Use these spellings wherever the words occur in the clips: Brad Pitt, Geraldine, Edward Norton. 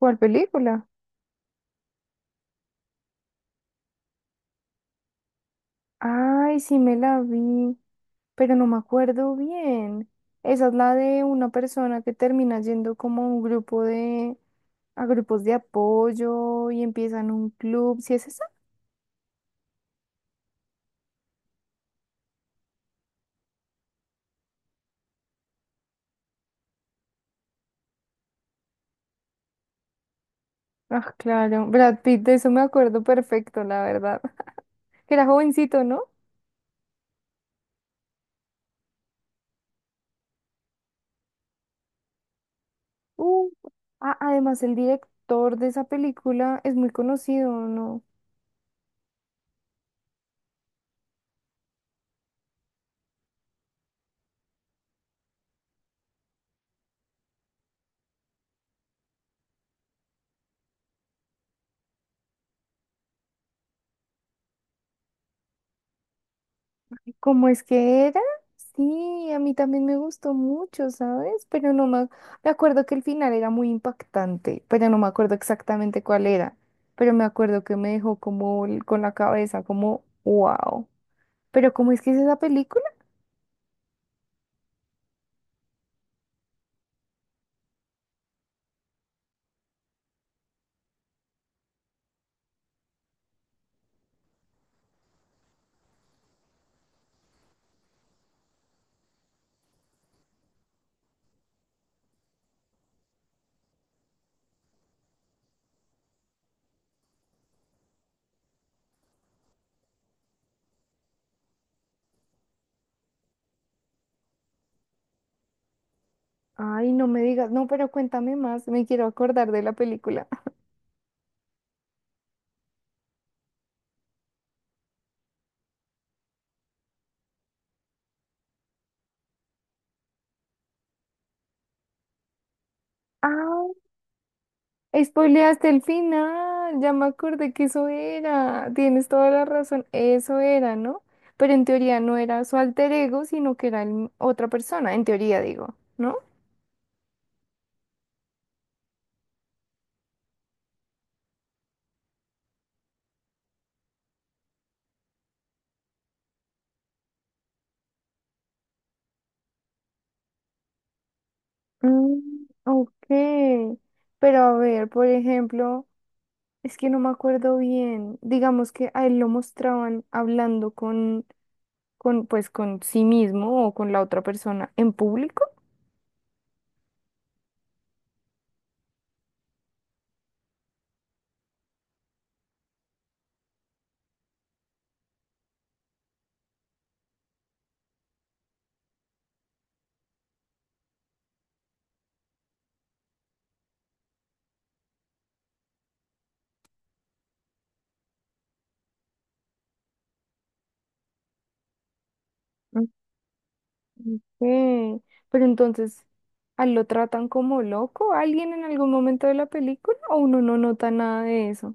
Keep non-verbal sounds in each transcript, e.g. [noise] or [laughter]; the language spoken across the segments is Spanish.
¿Cuál película? Ay, sí me la vi, pero no me acuerdo bien. Esa es la de una persona que termina yendo como a un grupo de, a grupos de apoyo y empiezan un club. ¿Sí es esa? Ah, claro. Brad Pitt, de eso me acuerdo perfecto, la verdad. [laughs] Que era jovencito, ¿no? Uh, ah, además el director de esa película es muy conocido, ¿no? ¿Cómo es que era? Sí, a mí también me gustó mucho, ¿sabes? Pero no me, me acuerdo que el final era muy impactante, pero no me acuerdo exactamente cuál era. Pero me acuerdo que me dejó como con la cabeza, como, wow. ¿Pero cómo es que es esa película? Ay, no me digas, no, pero cuéntame más, me quiero acordar de la película. [laughs] Ah. Spoileaste el final, ya me acordé que eso era. Tienes toda la razón, eso era, ¿no? Pero en teoría no era su alter ego, sino que era otra persona, en teoría digo, ¿no? Mm, ok. Pero a ver, por ejemplo, es que no me acuerdo bien. Digamos que a él lo mostraban hablando pues, con sí mismo o con la otra persona en público. Ok, pero entonces, ¿a lo tratan como loco a alguien en algún momento de la película o uno no nota nada de eso?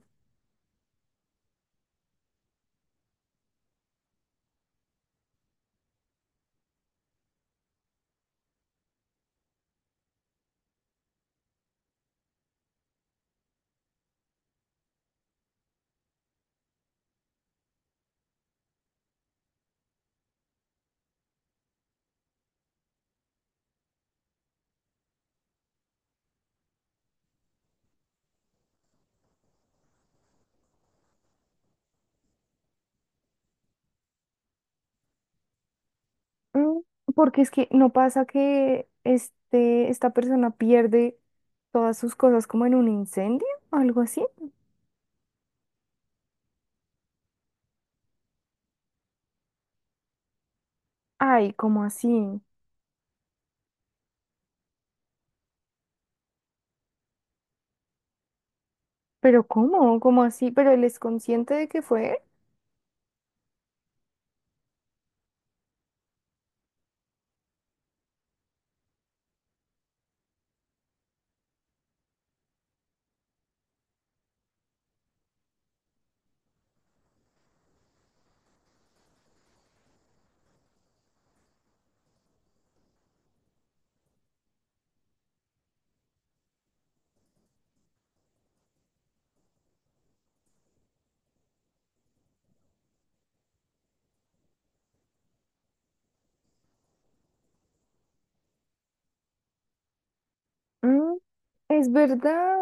Mm, porque es que no pasa que esta persona pierde todas sus cosas como en un incendio o algo así. Ay, ¿cómo así? ¿Pero cómo? ¿Cómo así? ¿Pero él es consciente de que fue él? Mm, es verdad.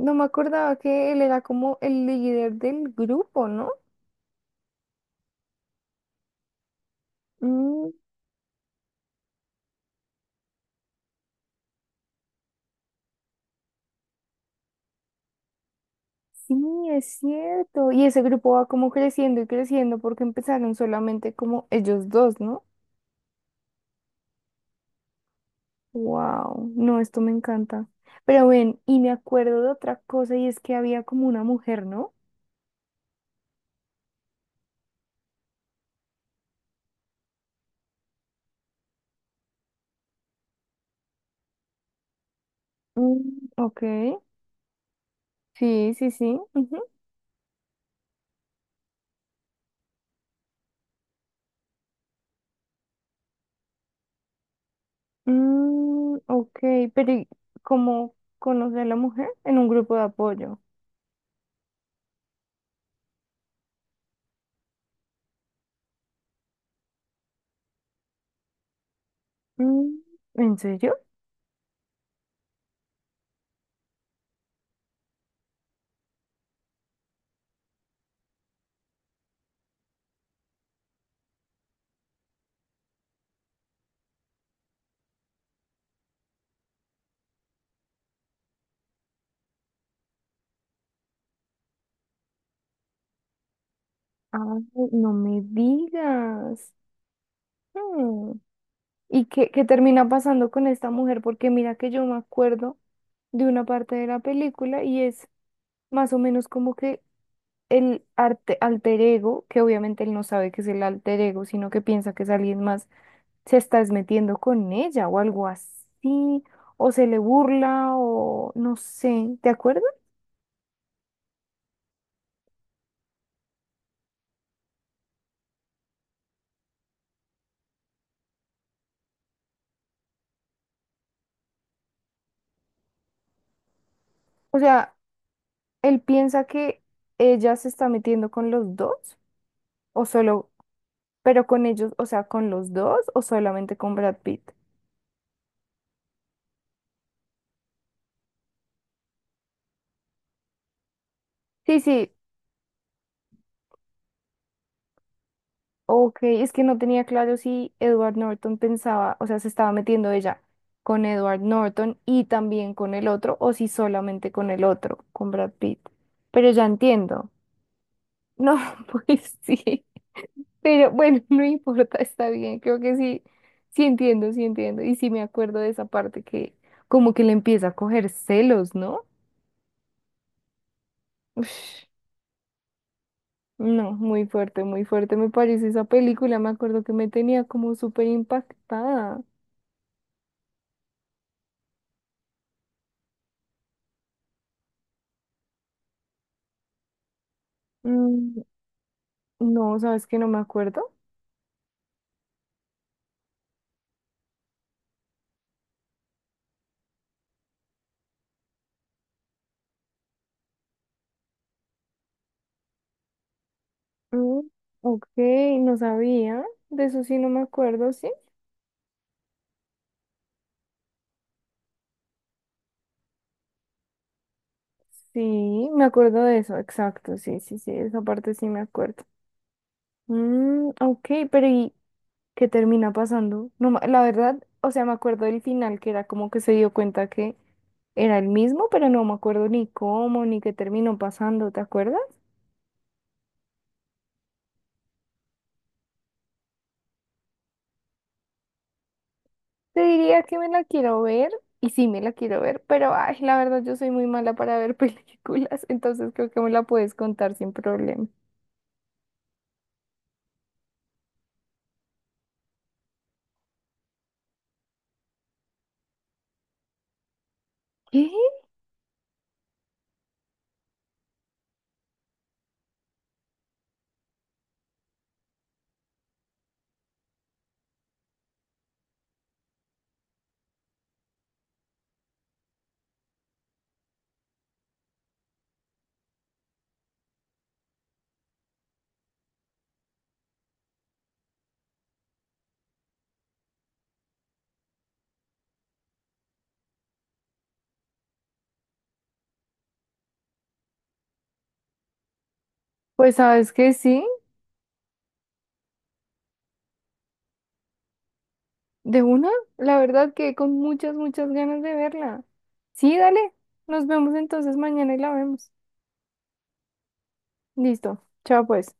No me acordaba que él era como el líder del grupo, ¿no? Sí, es cierto. Y ese grupo va como creciendo y creciendo porque empezaron solamente como ellos dos, ¿no? Wow, no, esto me encanta. Pero ven, y me acuerdo de otra cosa y es que había como una mujer, ¿no? Mm, ok, sí, sí, sí, ujú. Mm, ok, pero ¿y cómo conocer a la mujer? En un grupo de apoyo. Mm, ¿en serio? Ay, no me digas. ¿Y qué, qué termina pasando con esta mujer? Porque mira que yo me acuerdo de una parte de la película y es más o menos como que alter ego, que obviamente él no sabe que es el alter ego, sino que piensa que es alguien más, se está metiendo con ella o algo así, o se le burla o no sé, ¿te acuerdas? O sea, él piensa que ella se está metiendo con los dos o solo, pero con ellos, o sea, con los dos o solamente con Brad Pitt. Sí, sí, ok, es que no tenía claro si Edward Norton pensaba, o sea, se estaba metiendo ella con Edward Norton y también con el otro, o si solamente con el otro, con Brad Pitt. Pero ya entiendo. No, [laughs] pues sí. Pero bueno, [laughs] no importa, está bien. Creo que sí, sí entiendo, sí entiendo. Y sí me acuerdo de esa parte que como que le empieza a coger celos, ¿no? Ush, no, muy fuerte me parece esa película. Me acuerdo que me tenía como súper impactada. Mm. No, sabes que no me acuerdo. Mm, ok, no sabía. De eso sí no me acuerdo, sí. Sí, me acuerdo de eso, exacto. Sí, sí, sí, esa parte sí me acuerdo. Mm, ok, pero ¿y qué termina pasando? No, la verdad, o sea, me acuerdo del final que era como que se dio cuenta que era el mismo, pero no me acuerdo ni cómo, ni qué terminó pasando, ¿te acuerdas? Te diría que me la quiero ver, y sí me la quiero ver, pero ay, la verdad yo soy muy mala para ver [laughs] películas, entonces creo que me la puedes contar sin problema. ¿Qué? Pues sabes que sí, de una, la verdad que con muchas, muchas ganas de verla. Sí, dale, nos vemos entonces mañana y la vemos. Listo, chao pues.